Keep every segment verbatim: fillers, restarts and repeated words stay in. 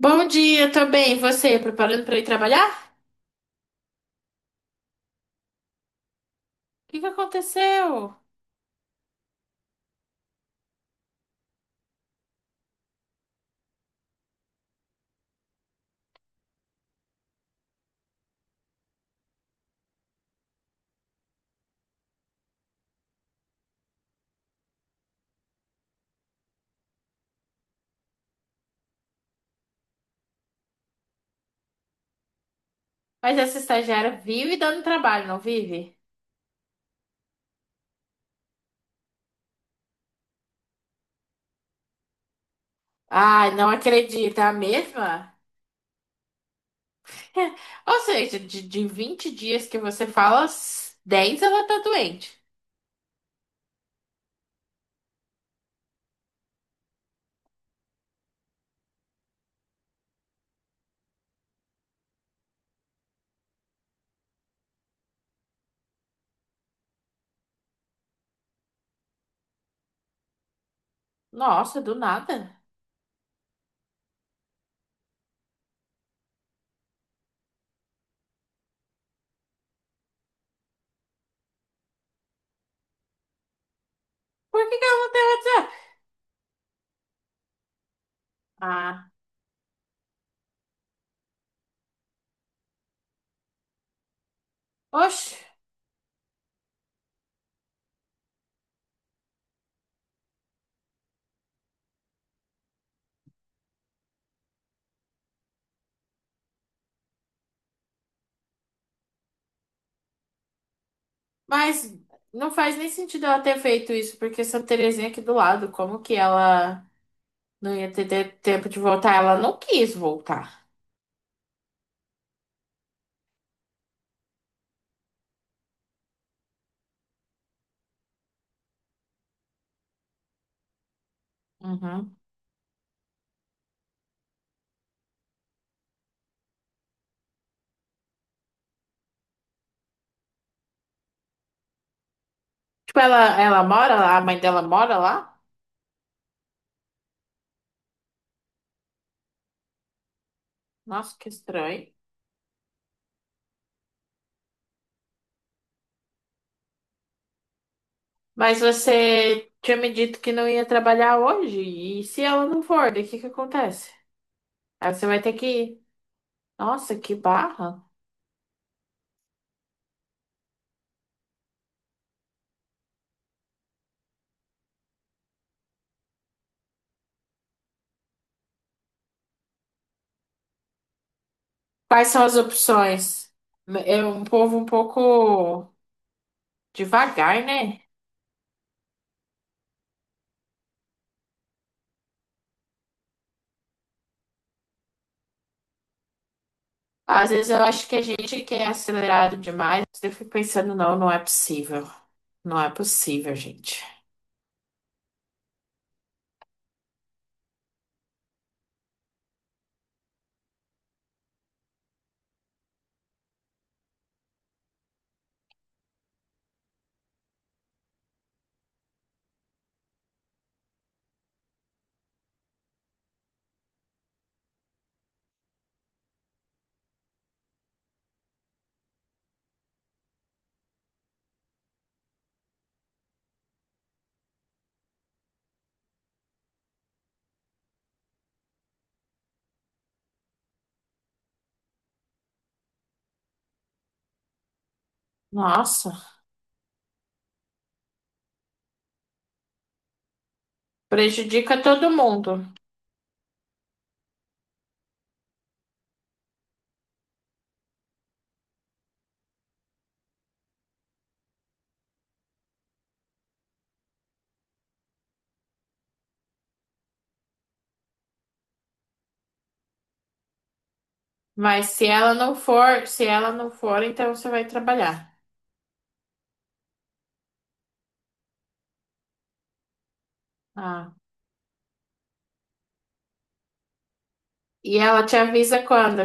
Bom dia também, você preparando para ir trabalhar? O que que aconteceu? Mas essa estagiária vive dando trabalho, não vive? Ai, não acredito, é a mesma? Ou seja, de, de vinte dias que você fala, dez ela tá doente. Nossa, do nada. Por que que ela não tem WhatsApp? Ah, oxe, mas não faz nem sentido ela ter feito isso, porque Santa Terezinha é aqui do lado, como que ela não ia ter ter tempo de voltar? Ela não quis voltar. Uhum. Tipo, ela, ela mora lá, a mãe dela mora lá? Nossa, que estranho. Mas você tinha me dito que não ia trabalhar hoje. E se ela não for, daí o que que acontece? Aí você vai ter que ir. Nossa, que barra. Quais são as opções? É um povo um pouco devagar, né? Às vezes eu acho que a gente que é acelerado demais, eu fico pensando, não, não é possível. Não é possível, gente. Nossa, prejudica todo mundo. Mas se ela não for, se ela não for, então você vai trabalhar. Ah. E ela te avisa quando?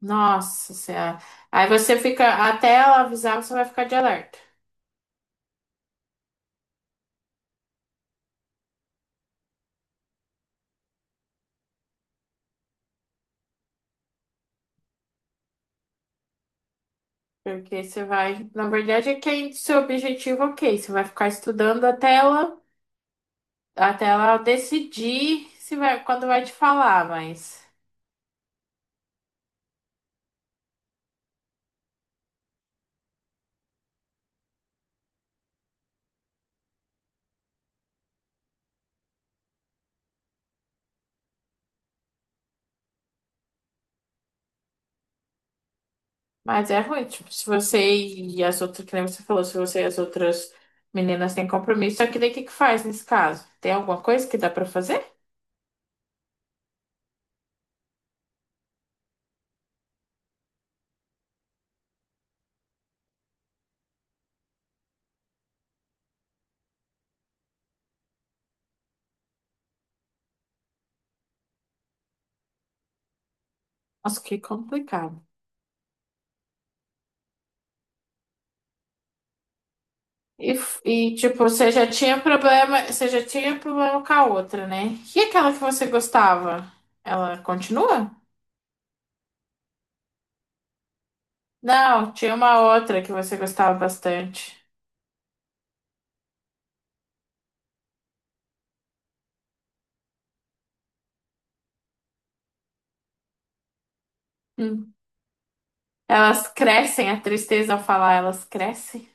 Nossa Senhora. Aí você fica, até ela avisar, você vai ficar de alerta. Porque você vai, na verdade, é que é seu objetivo, ok. Você vai ficar estudando até ela, até ela decidir se vai, quando vai te falar, mas. Mas é ruim, tipo, se você e as outras, que nem você falou, se você e as outras meninas têm compromisso, só que daí o que que faz nesse caso? Tem alguma coisa que dá pra fazer? Nossa, que complicado. E, f- e, tipo, você já tinha problema, você já tinha problema com a outra, né? E aquela que você gostava? Ela continua? Não, tinha uma outra que você gostava bastante. Hum. Elas crescem, a tristeza ao falar, elas crescem.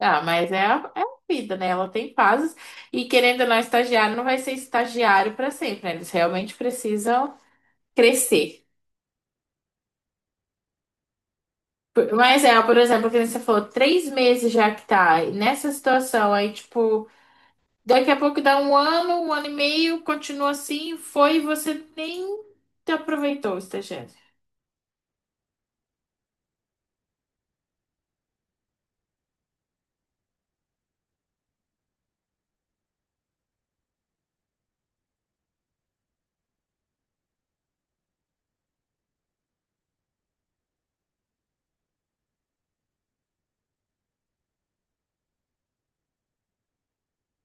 Ah, mas é a, é a vida, né? Ela tem fases. E querendo ou não, estagiário não vai ser estagiário para sempre, né? Eles realmente precisam crescer. Por- Mas é, por exemplo, que nem você falou, três meses já que tá nessa situação, aí, tipo, daqui a pouco dá um ano, um ano e meio, continua assim, foi, e você nem te aproveitou o estagiário.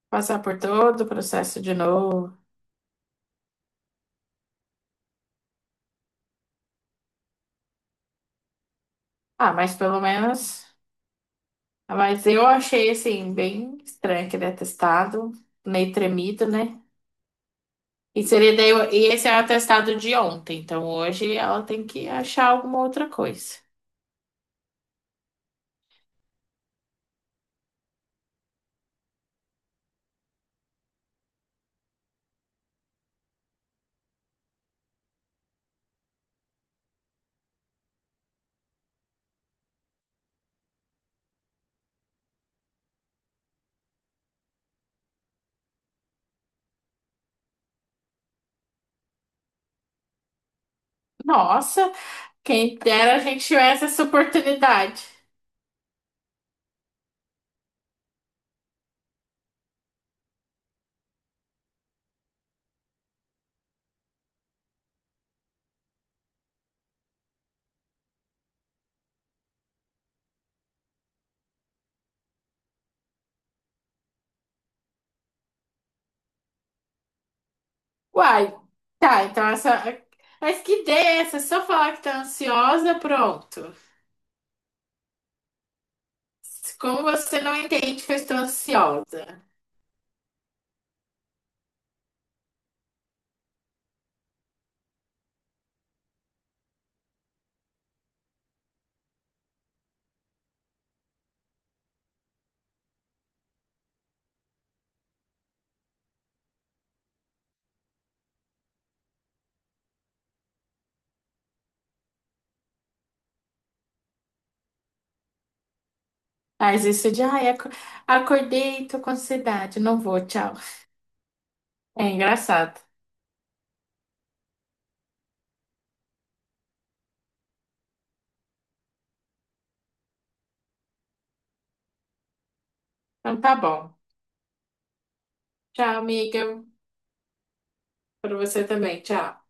Passar por todo o processo de novo. Ah, mas pelo menos. Mas eu achei assim, bem estranho aquele atestado, meio tremido, né? E seria daí, e esse é o atestado de ontem, então hoje ela tem que achar alguma outra coisa. Nossa, quem dera a gente tivesse essa oportunidade. Uai, tá, então essa. Mas que ideia é essa? Só falar que tá ansiosa, pronto. Como você não entende que eu estou ansiosa? Mas isso de, ai, aco- acordei, tô com ansiedade, não vou, tchau. É engraçado. Então tá bom. Tchau, amiga. Para você também. Tchau.